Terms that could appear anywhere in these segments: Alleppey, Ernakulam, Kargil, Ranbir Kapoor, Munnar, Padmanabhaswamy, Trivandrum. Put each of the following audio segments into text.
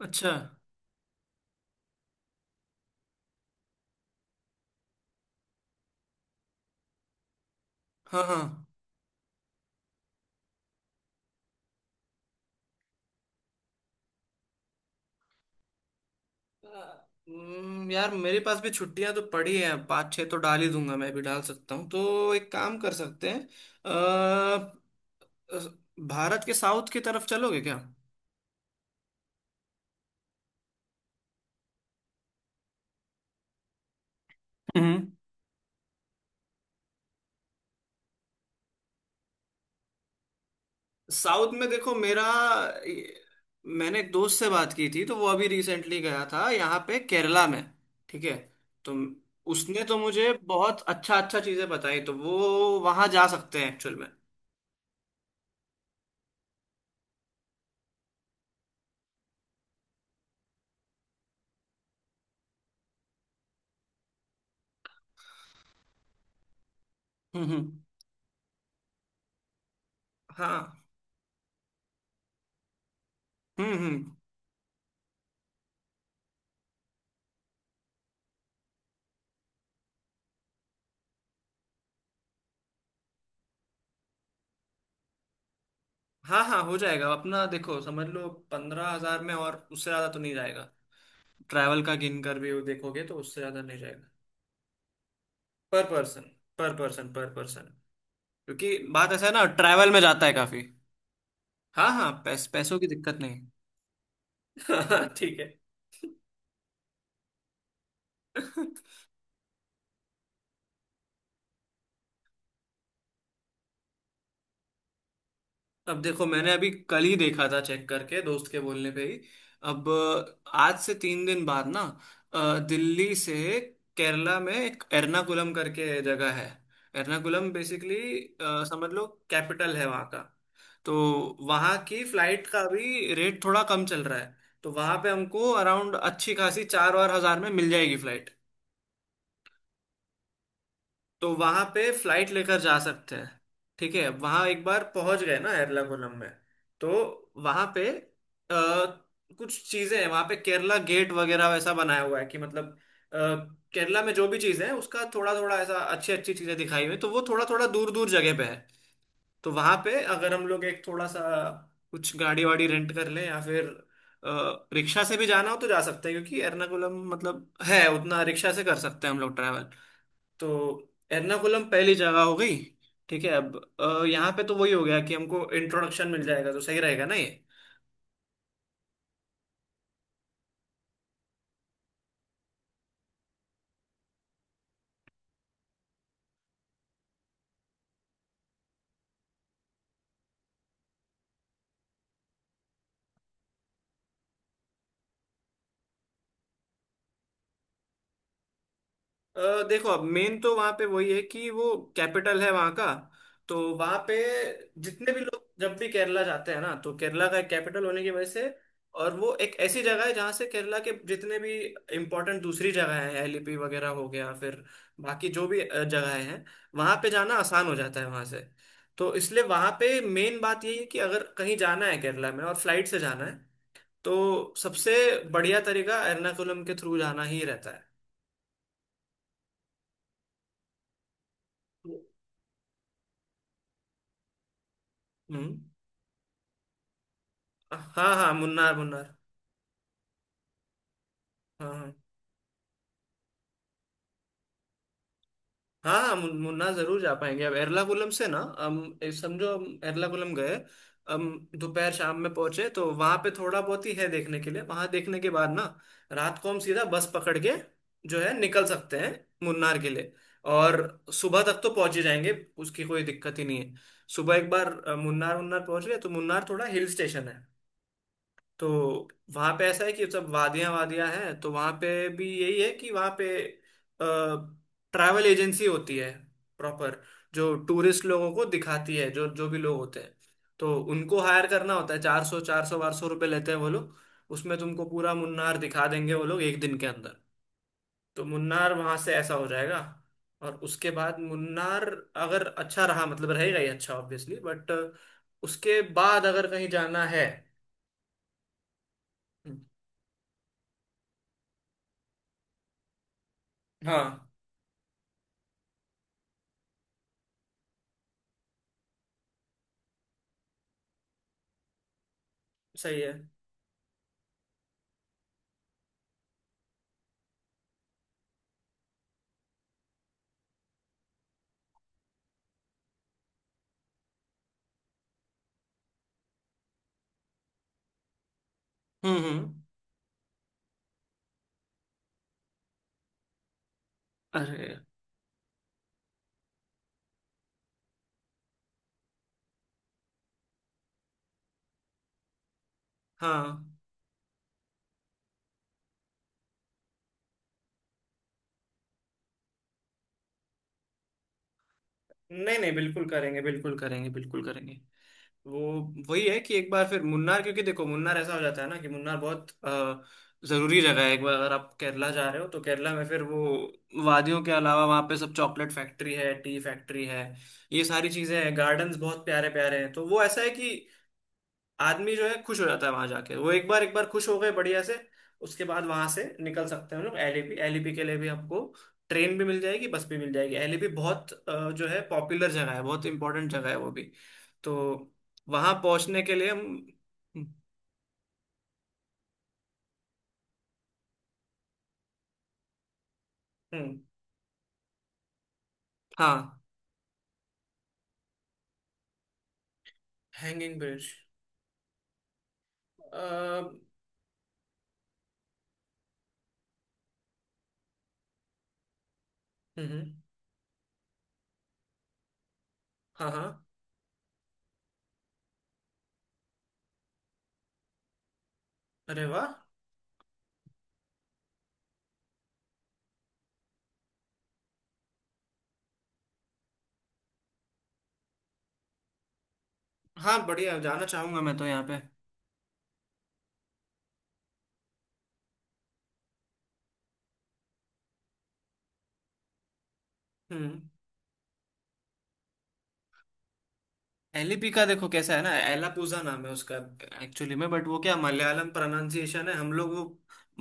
अच्छा। हाँ हाँ। अ, यार मेरे पास भी छुट्टियां तो पड़ी हैं, पाँच छः तो डाल ही दूंगा। मैं भी डाल सकता हूँ, तो एक काम कर सकते हैं। अ, अ, भारत के साउथ की तरफ चलोगे क्या? हम्म साउथ में देखो मेरा, मैंने एक दोस्त से बात की थी तो वो अभी रिसेंटली गया था यहाँ पे केरला में। ठीक है। तो उसने तो मुझे बहुत अच्छा अच्छा चीजें बताई, तो वो वहां जा सकते हैं एक्चुअल में। हम्म हम्म। हाँ। हम्म। हाँ हाँ हो जाएगा अपना, देखो समझ लो 15,000 में, और उससे ज्यादा तो नहीं जाएगा। ट्रैवल का गिन कर भी देखोगे तो उससे ज्यादा नहीं जाएगा। Per person, per person, per person. क्योंकि बात ऐसा है ना, ट्रैवल में जाता है काफी। हाँ हाँ, पैसों की दिक्कत नहीं। हाँ, ठीक है। अब देखो, मैंने अभी कल ही देखा था चेक करके दोस्त के बोलने पे ही। अब आज से 3 दिन बाद ना, दिल्ली से केरला में एक एर्नाकुलम करके जगह है। एर्नाकुलम बेसिकली, समझ लो कैपिटल है वहाँ का। तो वहाँ की फ्लाइट का भी रेट थोड़ा कम चल रहा है। तो वहाँ पे हमको अराउंड अच्छी खासी चार और हजार में मिल जाएगी फ्लाइट। तो वहां पे फ्लाइट लेकर जा सकते हैं। ठीक है, वहां एक बार पहुंच गए ना एर्नाकुलम में। तो वहां पे कुछ चीजें हैं वहां पे, केरला गेट वगैरह वैसा बनाया हुआ है कि मतलब, अ, केरला में जो भी चीज है उसका थोड़ा थोड़ा, ऐसा अच्छी अच्छी चीजें दिखाई हुई हैं। तो वो थोड़ा थोड़ा दूर दूर जगह पे है। तो वहां पे अगर हम लोग एक थोड़ा सा कुछ गाड़ी वाड़ी रेंट कर लें, या फिर रिक्शा से भी जाना हो तो जा सकते हैं, क्योंकि एर्नाकुलम मतलब है उतना, रिक्शा से कर सकते हैं हम लोग ट्रैवल। तो एर्नाकुलम पहली जगह हो गई। ठीक है, अब यहाँ पे तो वही हो गया कि हमको इंट्रोडक्शन मिल जाएगा, तो सही रहेगा ना ये। देखो अब मेन तो वहां पे वही है कि वो कैपिटल है वहां का। तो वहां पे जितने भी लोग जब भी केरला जाते हैं ना, तो केरला का एक कैपिटल होने की वजह से, और वो एक ऐसी जगह है जहां से केरला के जितने भी इम्पोर्टेंट दूसरी जगह है, एलिपी वगैरह हो गया, फिर बाकी जो भी जगहें हैं, वहां पे जाना आसान हो जाता है वहां से। तो इसलिए वहां पे मेन बात यही है कि अगर कहीं जाना है केरला में और फ्लाइट से जाना है, तो सबसे बढ़िया तरीका एर्नाकुलम के थ्रू जाना ही रहता है। हम्म। हाँ हाँ, मुन्नार मुन्नार। हाँ हाँ हाँ। हाँ, मुन्नार जरूर जा पाएंगे। अब एर्नाकुलम से ना हम समझो हम एर्नाकुलम गए, हम दोपहर शाम में पहुंचे, तो वहां पे थोड़ा बहुत ही है देखने के लिए, वहां देखने के बाद ना, रात को हम सीधा बस पकड़ के जो है निकल सकते हैं मुन्नार के लिए, और सुबह तक तो पहुंच ही जाएंगे, उसकी कोई दिक्कत ही नहीं है। सुबह एक बार मुन्नार मुन्नार पहुंच गए, तो मुन्नार थोड़ा हिल स्टेशन है। तो वहां पे ऐसा है कि सब वादियां वादियां हैं। तो वहां पे भी यही है कि वहां पे ट्रैवल एजेंसी होती है प्रॉपर, जो टूरिस्ट लोगों को दिखाती है जो जो भी लोग होते हैं। तो उनको हायर करना होता है, चार सौ 1200 रुपये लेते हैं वो लोग। उसमें तुमको पूरा मुन्नार दिखा देंगे वो लोग एक दिन के अंदर। तो मुन्नार वहां से ऐसा हो जाएगा। और उसके बाद मुन्नार अगर अच्छा रहा, मतलब रहेगा ही अच्छा ऑब्वियसली, बट उसके बाद अगर कहीं जाना है। हाँ। सही है। हम्म। अरे। हाँ। नहीं नहीं, बिल्कुल करेंगे, बिल्कुल करेंगे, बिल्कुल करेंगे। वो वही है कि एक बार फिर मुन्नार, क्योंकि देखो मुन्नार ऐसा हो जाता है ना कि मुन्नार बहुत जरूरी जगह है, एक बार अगर आप केरला जा रहे हो तो केरला में, फिर वो वादियों के अलावा वहाँ पे सब चॉकलेट फैक्ट्री है, टी फैक्ट्री है, ये सारी चीजें हैं, गार्डन्स बहुत प्यारे प्यारे हैं। तो वो ऐसा है कि आदमी जो है खुश हो जाता है वहां जाके। वो एक बार खुश हो गए बढ़िया से, उसके बाद वहां से निकल सकते हैं हम लोग एलईपी। एलईपी के लिए भी आपको ट्रेन भी मिल जाएगी, बस भी मिल जाएगी। एलईपी बहुत जो है पॉपुलर जगह है, बहुत इंपॉर्टेंट जगह है वो भी। तो वहां पहुंचने के लिए हम। हम्म। हाँ, हैंगिंग ब्रिज। हम्म। हाँ हाँ। अरे वाह। हाँ बढ़िया, जाना चाहूंगा मैं तो यहाँ पे। हम्म। एलिपी का देखो कैसा है ना, एलापूजा नाम है उसका एक्चुअली में, बट वो क्या मलयालम प्रोनाउंसिएशन है, हम लोग वो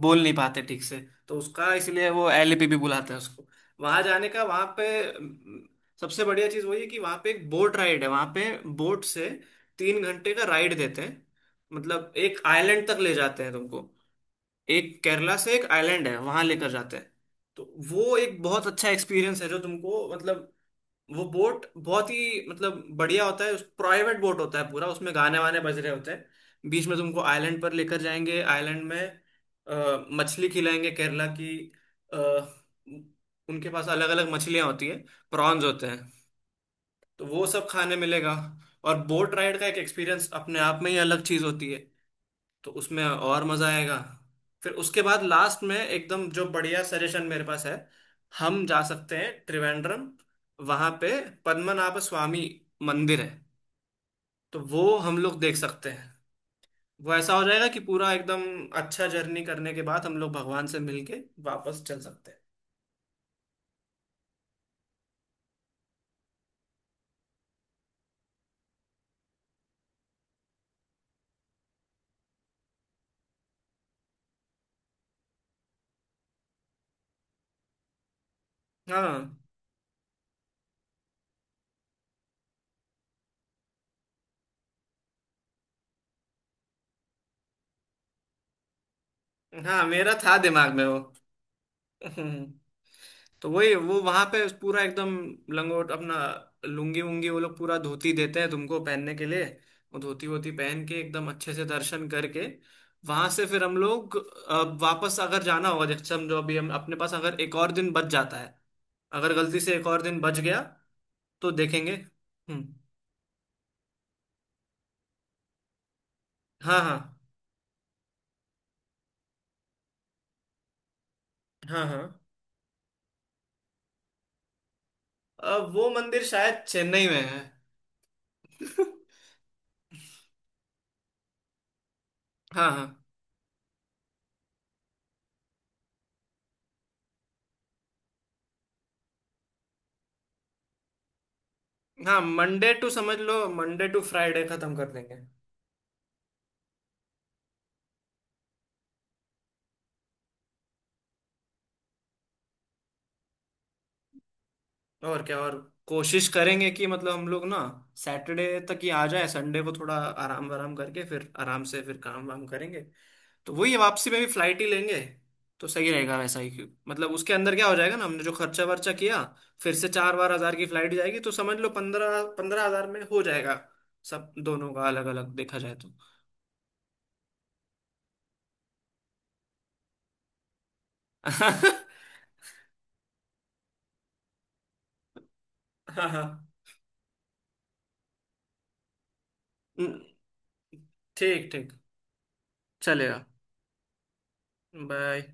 बोल नहीं पाते ठीक से। तो उसका इसलिए वो एलिपी भी बुलाते हैं उसको। वहां जाने का वहां पे सबसे बढ़िया चीज वही है कि वहां पे एक बोट राइड है वहां पे, बोट से 3 घंटे का राइड देते हैं। मतलब एक आइलैंड तक ले जाते हैं तुमको, एक केरला से एक आइलैंड है वहां लेकर जाते हैं। तो वो एक बहुत अच्छा एक्सपीरियंस है जो तुमको मतलब, वो बोट बहुत ही मतलब बढ़िया होता है, उस प्राइवेट बोट होता है पूरा, उसमें गाने वाने बज रहे होते हैं, बीच में तुमको आइलैंड पर लेकर जाएंगे, आइलैंड में मछली खिलाएंगे केरला की। अ, उनके पास अलग अलग मछलियाँ होती है, प्रॉन्स होते हैं। तो वो सब खाने मिलेगा। और बोट राइड का एक एक्सपीरियंस अपने आप में ही अलग चीज़ होती है, तो उसमें और मजा आएगा। फिर उसके बाद लास्ट में एकदम जो बढ़िया सजेशन मेरे पास है, हम जा सकते हैं त्रिवेंद्रम। वहां पे पद्मनाभ स्वामी मंदिर है, तो वो हम लोग देख सकते हैं। वो ऐसा हो जाएगा कि पूरा एकदम अच्छा जर्नी करने के बाद हम लोग भगवान से मिलके वापस चल सकते हैं। हाँ हाँ, मेरा था दिमाग में वो। हम्म। तो वही वो वहां पे पूरा एकदम लंगोट अपना, लुंगी वुंगी, वो लोग पूरा धोती देते हैं तुमको पहनने के लिए। वो धोती वोती पहन के एकदम अच्छे से दर्शन करके, वहां से फिर हम लोग वापस अगर जाना होगा। जैसे समझो अभी हम अपने पास अगर एक और दिन बच जाता है, अगर गलती से एक और दिन बच गया, तो देखेंगे। हम्म। हाँ हाँ हाँ हाँ। वो मंदिर शायद चेन्नई में है। हाँ हाँ। हाँ मंडे टू, समझ लो मंडे टू फ्राइडे खत्म कर देंगे। और क्या, और कोशिश करेंगे कि मतलब हम लोग ना सैटरडे तक ही आ जाए, संडे को थोड़ा आराम वाराम करके, फिर आराम से फिर काम वाम करेंगे। तो वही है, वापसी में भी फ्लाइट ही लेंगे। तो सही रहेगा वैसा ही, क्यों मतलब उसके अंदर क्या हो जाएगा ना, हमने जो खर्चा वर्चा किया, फिर से चार बार हजार की फ्लाइट जाएगी, तो समझ लो 15-15 हजार में हो जाएगा सब, दोनों का अलग अलग देखा जाए तो। हाँ हाँ। ठीक ठीक। चलेगा। बाय।